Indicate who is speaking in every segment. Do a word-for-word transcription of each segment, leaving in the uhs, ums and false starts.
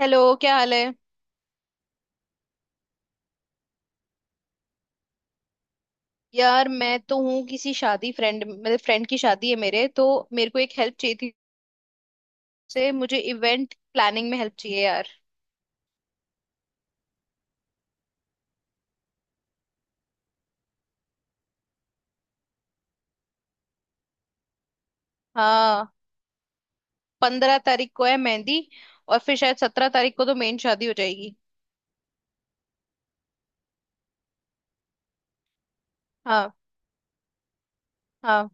Speaker 1: Hello, क्या हाल है। यार, मैं तो हूँ किसी शादी, फ्रेंड मतलब फ्रेंड की शादी है मेरे तो। मेरे को एक हेल्प चाहिए थी। से मुझे इवेंट प्लानिंग में हेल्प चाहिए यार। हाँ, पंद्रह तारीख को है मेहंदी। और फिर शायद सत्रह तारीख को तो मेन शादी हो जाएगी। हाँ। हाँ।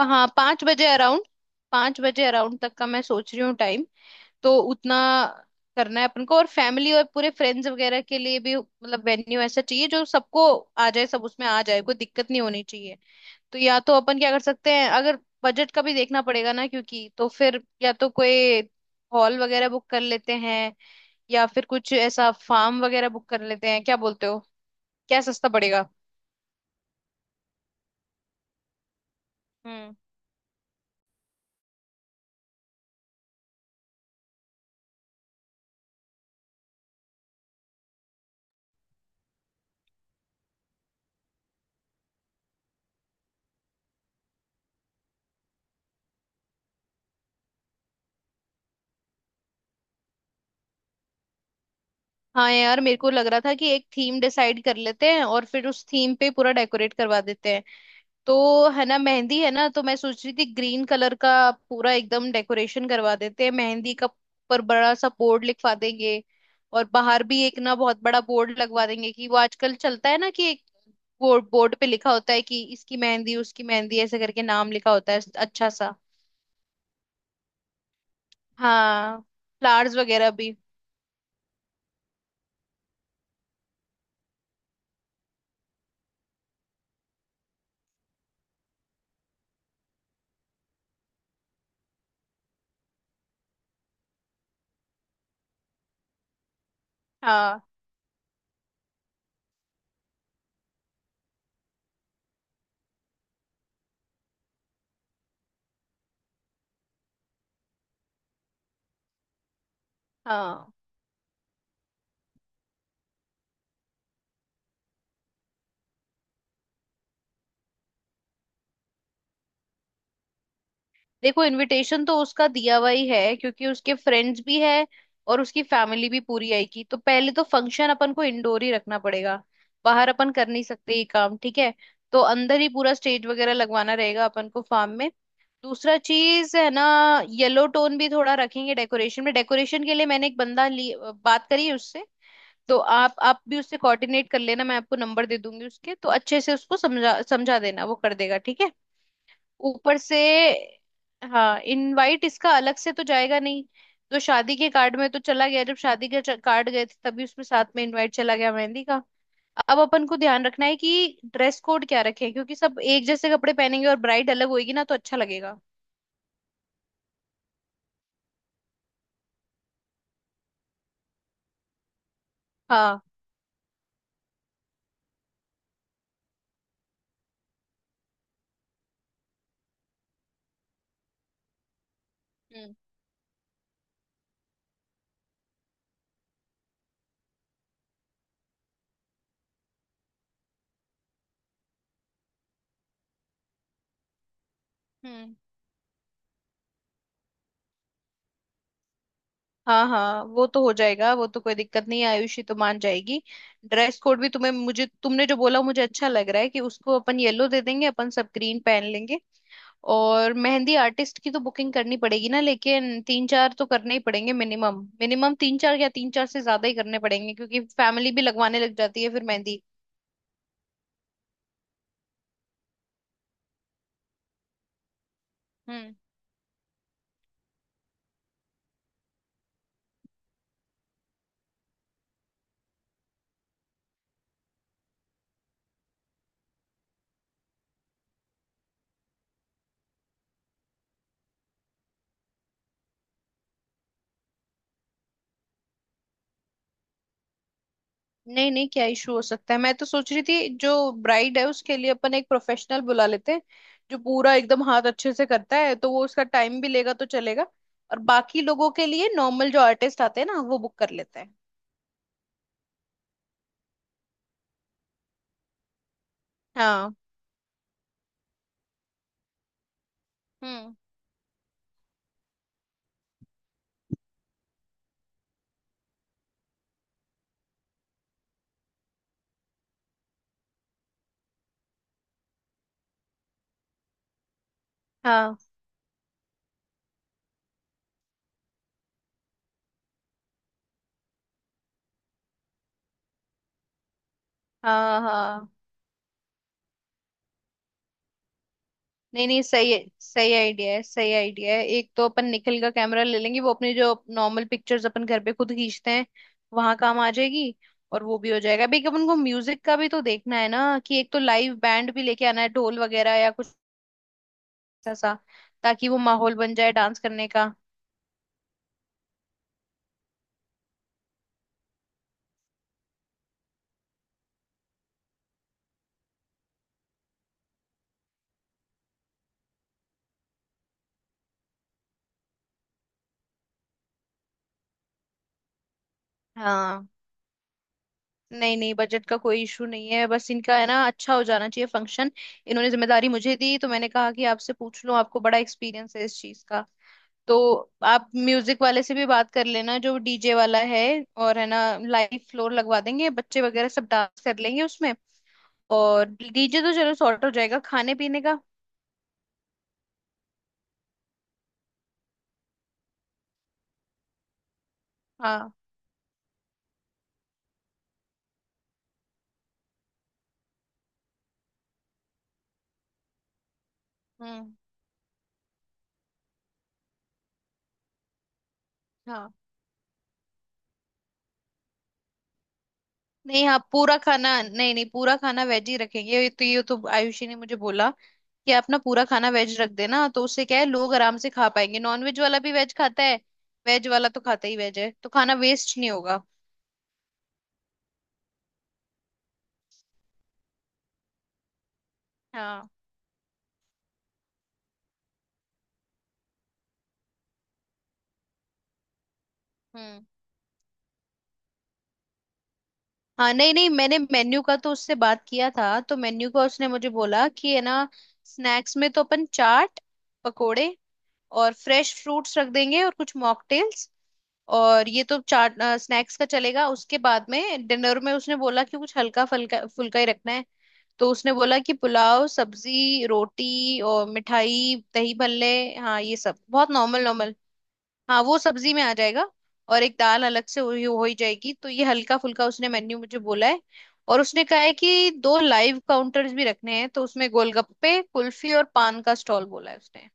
Speaker 1: हाँ, पाँच बजे अराउंड, पाँच बजे अराउंड तक का मैं सोच रही हूँ टाइम। तो उतना करना है अपन को, और फैमिली और पूरे फ्रेंड्स वगैरह के लिए भी, मतलब वेन्यू ऐसा चाहिए जो सबको आ जाए, सब उसमें आ जाए, कोई दिक्कत नहीं होनी। तो या तो अपन क्या कर सकते हैं, अगर बजट का भी देखना पड़ेगा ना क्योंकि, तो फिर या तो कोई हॉल वगैरह बुक कर लेते हैं, या फिर कुछ ऐसा फार्म वगैरह बुक कर लेते हैं, क्या बोलते हो। क्या सस्ता पड़ेगा। हम्म। हाँ यार, मेरे को लग रहा था कि एक थीम डिसाइड कर लेते हैं और फिर उस थीम पे पूरा डेकोरेट करवा देते हैं। तो है ना, मेहंदी है ना, तो मैं सोच रही थी ग्रीन कलर का पूरा एकदम डेकोरेशन करवा देते हैं मेहंदी का। पर बड़ा सा बोर्ड लिखवा देंगे, और बाहर भी एक ना बहुत बड़ा बोर्ड लगवा देंगे, कि वो आजकल चलता है ना कि एक बोर्ड, बोर्ड पे लिखा होता है कि इसकी मेहंदी उसकी मेहंदी, ऐसे करके नाम लिखा होता है, अच्छा सा। हाँ। फ्लावर्स वगैरह भी। हाँ। हाँ। देखो, इनविटेशन तो उसका दिया हुआ ही है, क्योंकि उसके फ्रेंड्स भी है और उसकी फैमिली भी पूरी आएगी। तो पहले तो फंक्शन अपन को इंडोर ही रखना पड़ेगा, बाहर अपन कर नहीं सकते ये काम, ठीक है। तो अंदर ही पूरा स्टेज वगैरह लगवाना रहेगा अपन को फार्म में। दूसरा चीज है ना, येलो टोन भी थोड़ा रखेंगे डेकोरेशन में। डेकोरेशन के लिए मैंने एक बंदा ली बात करी है उससे, तो आप आप भी उससे कोऑर्डिनेट कर लेना, मैं आपको नंबर दे दूंगी उसके। तो अच्छे से उसको समझा समझा देना, वो कर देगा, ठीक है। ऊपर से, हाँ, इनवाइट इसका अलग से तो जाएगा नहीं, तो शादी के कार्ड में तो चला गया। जब शादी के कार्ड गए थे तभी उसमें साथ में इनवाइट चला गया मेहंदी का। अब अपन को ध्यान रखना है कि ड्रेस कोड क्या रखें, क्योंकि सब एक जैसे कपड़े पहनेंगे और ब्राइड अलग होएगी ना, तो अच्छा लगेगा। हाँ। हम्म। हम्म। हाँ हाँ, वो तो हो जाएगा, वो तो कोई दिक्कत नहीं है, आयुषी तो मान जाएगी। ड्रेस कोड भी तुम्हें मुझे तुमने जो बोला मुझे अच्छा लग रहा है कि उसको अपन येलो दे देंगे, अपन सब ग्रीन पहन लेंगे। और मेहंदी आर्टिस्ट की तो बुकिंग करनी पड़ेगी ना, लेकिन तीन चार तो करने ही पड़ेंगे मिनिमम। मिनिमम तीन चार, या तीन चार से ज्यादा ही करने पड़ेंगे, क्योंकि फैमिली भी लगवाने लग जाती है फिर मेहंदी। हम्म। नहीं नहीं, क्या इशू हो सकता है। मैं तो सोच रही थी जो ब्राइड है उसके लिए अपन एक प्रोफेशनल बुला लेते हैं, जो पूरा एकदम हाथ अच्छे से करता है, तो वो उसका टाइम भी लेगा तो चलेगा। और बाकी लोगों के लिए नॉर्मल जो आर्टिस्ट आते हैं ना, वो बुक कर लेते हैं। हाँ। हम्म। हाँ। हाँ। हाँ नहीं नहीं, सही है, सही आइडिया है, सही आइडिया है। एक तो अपन निकल का कैमरा ले लेंगे, वो अपनी जो नॉर्मल पिक्चर्स अपन घर पे खुद खींचते हैं, वहां काम आ जाएगी। और वो भी हो जाएगा। अभी एक अपन को म्यूजिक का भी तो देखना है ना, कि एक तो लाइव बैंड भी लेके आना है, ढोल वगैरह या कुछ ऐसा, ताकि वो माहौल बन जाए डांस करने का। हाँ, नहीं नहीं, बजट का कोई इशू नहीं है, बस इनका है ना, अच्छा हो जाना चाहिए फंक्शन। इन्होंने जिम्मेदारी मुझे दी, तो मैंने कहा कि आपसे पूछ लूं, आपको बड़ा एक्सपीरियंस है इस चीज का। तो आप म्यूजिक वाले से भी बात कर लेना, जो डीजे वाला है। और है ना, लाइव फ्लोर लगवा देंगे, बच्चे वगैरह सब डांस कर लेंगे उसमें। और डीजे तो चलो सॉर्ट हो जाएगा। खाने पीने का, हाँ। हम्म। हाँ नहीं, हाँ पूरा खाना, नहीं नहीं, पूरा खाना वेज ही रखेंगे। ये तो ये तो आयुषी ने मुझे बोला कि आप ना पूरा खाना वेज रख देना, तो उससे क्या है लोग आराम से खा पाएंगे, नॉन वेज वाला भी वेज खाता है, वेज वाला तो खाता ही वेज है, तो खाना वेस्ट नहीं होगा। हाँ। हम्म। हाँ नहीं नहीं, मैंने मेन्यू का तो उससे बात किया था। तो मेन्यू का उसने मुझे बोला कि है ना, स्नैक्स में तो अपन चाट, पकोड़े और फ्रेश फ्रूट्स रख देंगे, और कुछ मॉकटेल्स। और ये तो चाट स्नैक्स का चलेगा। उसके बाद में डिनर में उसने बोला कि कुछ हल्का फुल्का फुल्का ही रखना है। तो उसने बोला कि पुलाव, सब्जी, रोटी और मिठाई, दही भल्ले। हाँ, ये सब बहुत नॉर्मल नॉर्मल। हाँ, वो सब्जी में आ जाएगा, और एक दाल अलग से हुई हो ही जाएगी। तो ये हल्का फुल्का उसने मेन्यू मुझे बोला है। और उसने कहा है कि दो लाइव काउंटर्स भी रखने हैं, तो उसमें गोलगप्पे, कुल्फी और पान का स्टॉल बोला है उसने।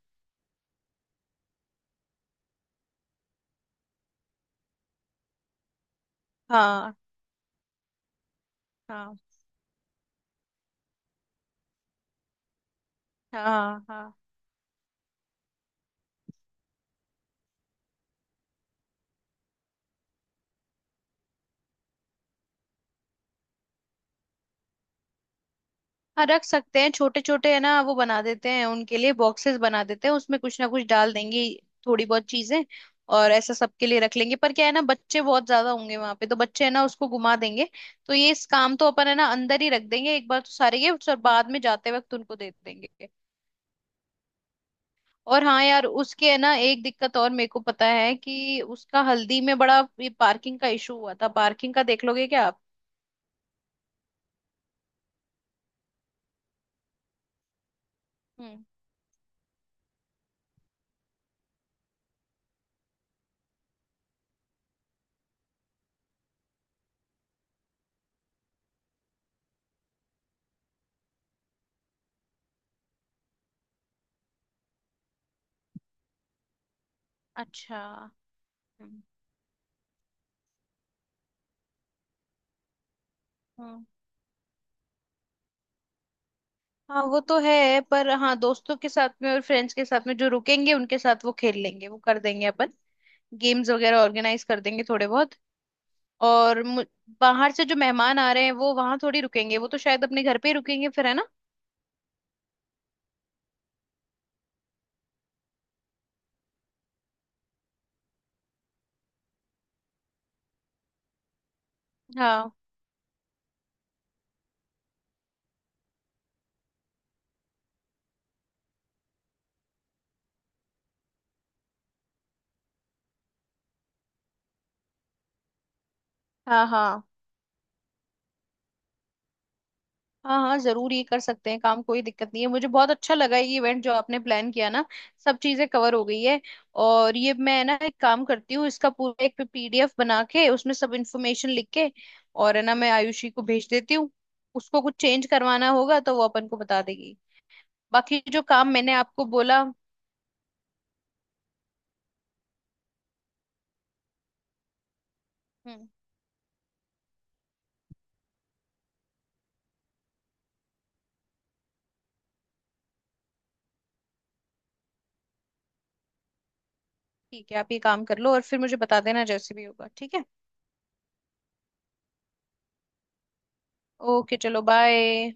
Speaker 1: हाँ। हाँ। हाँ। हाँ, हाँ रख सकते हैं, छोटे छोटे है ना, वो बना देते हैं उनके लिए, बॉक्सेस बना देते हैं, उसमें कुछ ना कुछ डाल देंगे, थोड़ी बहुत चीजें। और ऐसा सबके लिए रख लेंगे, पर क्या है ना, बच्चे बहुत ज्यादा होंगे वहां पे, तो बच्चे है ना उसको घुमा देंगे। तो ये इस काम तो अपन है ना अंदर ही रख देंगे एक बार तो सारे गिफ्ट्स, और बाद में जाते वक्त उनको दे देंगे। और हाँ यार, उसके है ना एक दिक्कत और, मेरे को पता है कि उसका हल्दी में बड़ा ये पार्किंग का इशू हुआ था, पार्किंग का देख लोगे क्या आप। हम्म। अच्छा। हम्म। हाँ वो तो है, पर हाँ दोस्तों के साथ में और फ्रेंड्स के साथ में जो रुकेंगे उनके साथ वो खेल लेंगे, वो कर देंगे अपन, गेम्स वगैरह ऑर्गेनाइज कर देंगे थोड़े बहुत। और मु- बाहर से जो मेहमान आ रहे हैं वो वहां थोड़ी रुकेंगे, वो तो शायद अपने घर पे ही रुकेंगे फिर, है ना। हाँ। हाँ। हाँ। हाँ, हाँ जरूर, ये कर सकते हैं काम, कोई दिक्कत नहीं है। मुझे बहुत अच्छा लगा ये इवेंट जो आपने प्लान किया ना, सब चीजें कवर हो गई है। और ये मैं ना एक काम करती हूँ, इसका पूरा एक पी डी एफ बना के, उसमें सब इन्फॉर्मेशन लिख के, और है ना, मैं आयुषी को भेज देती हूँ। उसको कुछ चेंज करवाना होगा तो वो अपन को बता देगी। बाकी जो काम मैंने आपको बोला। हम्म। ठीक है, आप ये काम कर लो और फिर मुझे बता देना जैसे भी होगा, ठीक है। ओके, चलो बाय।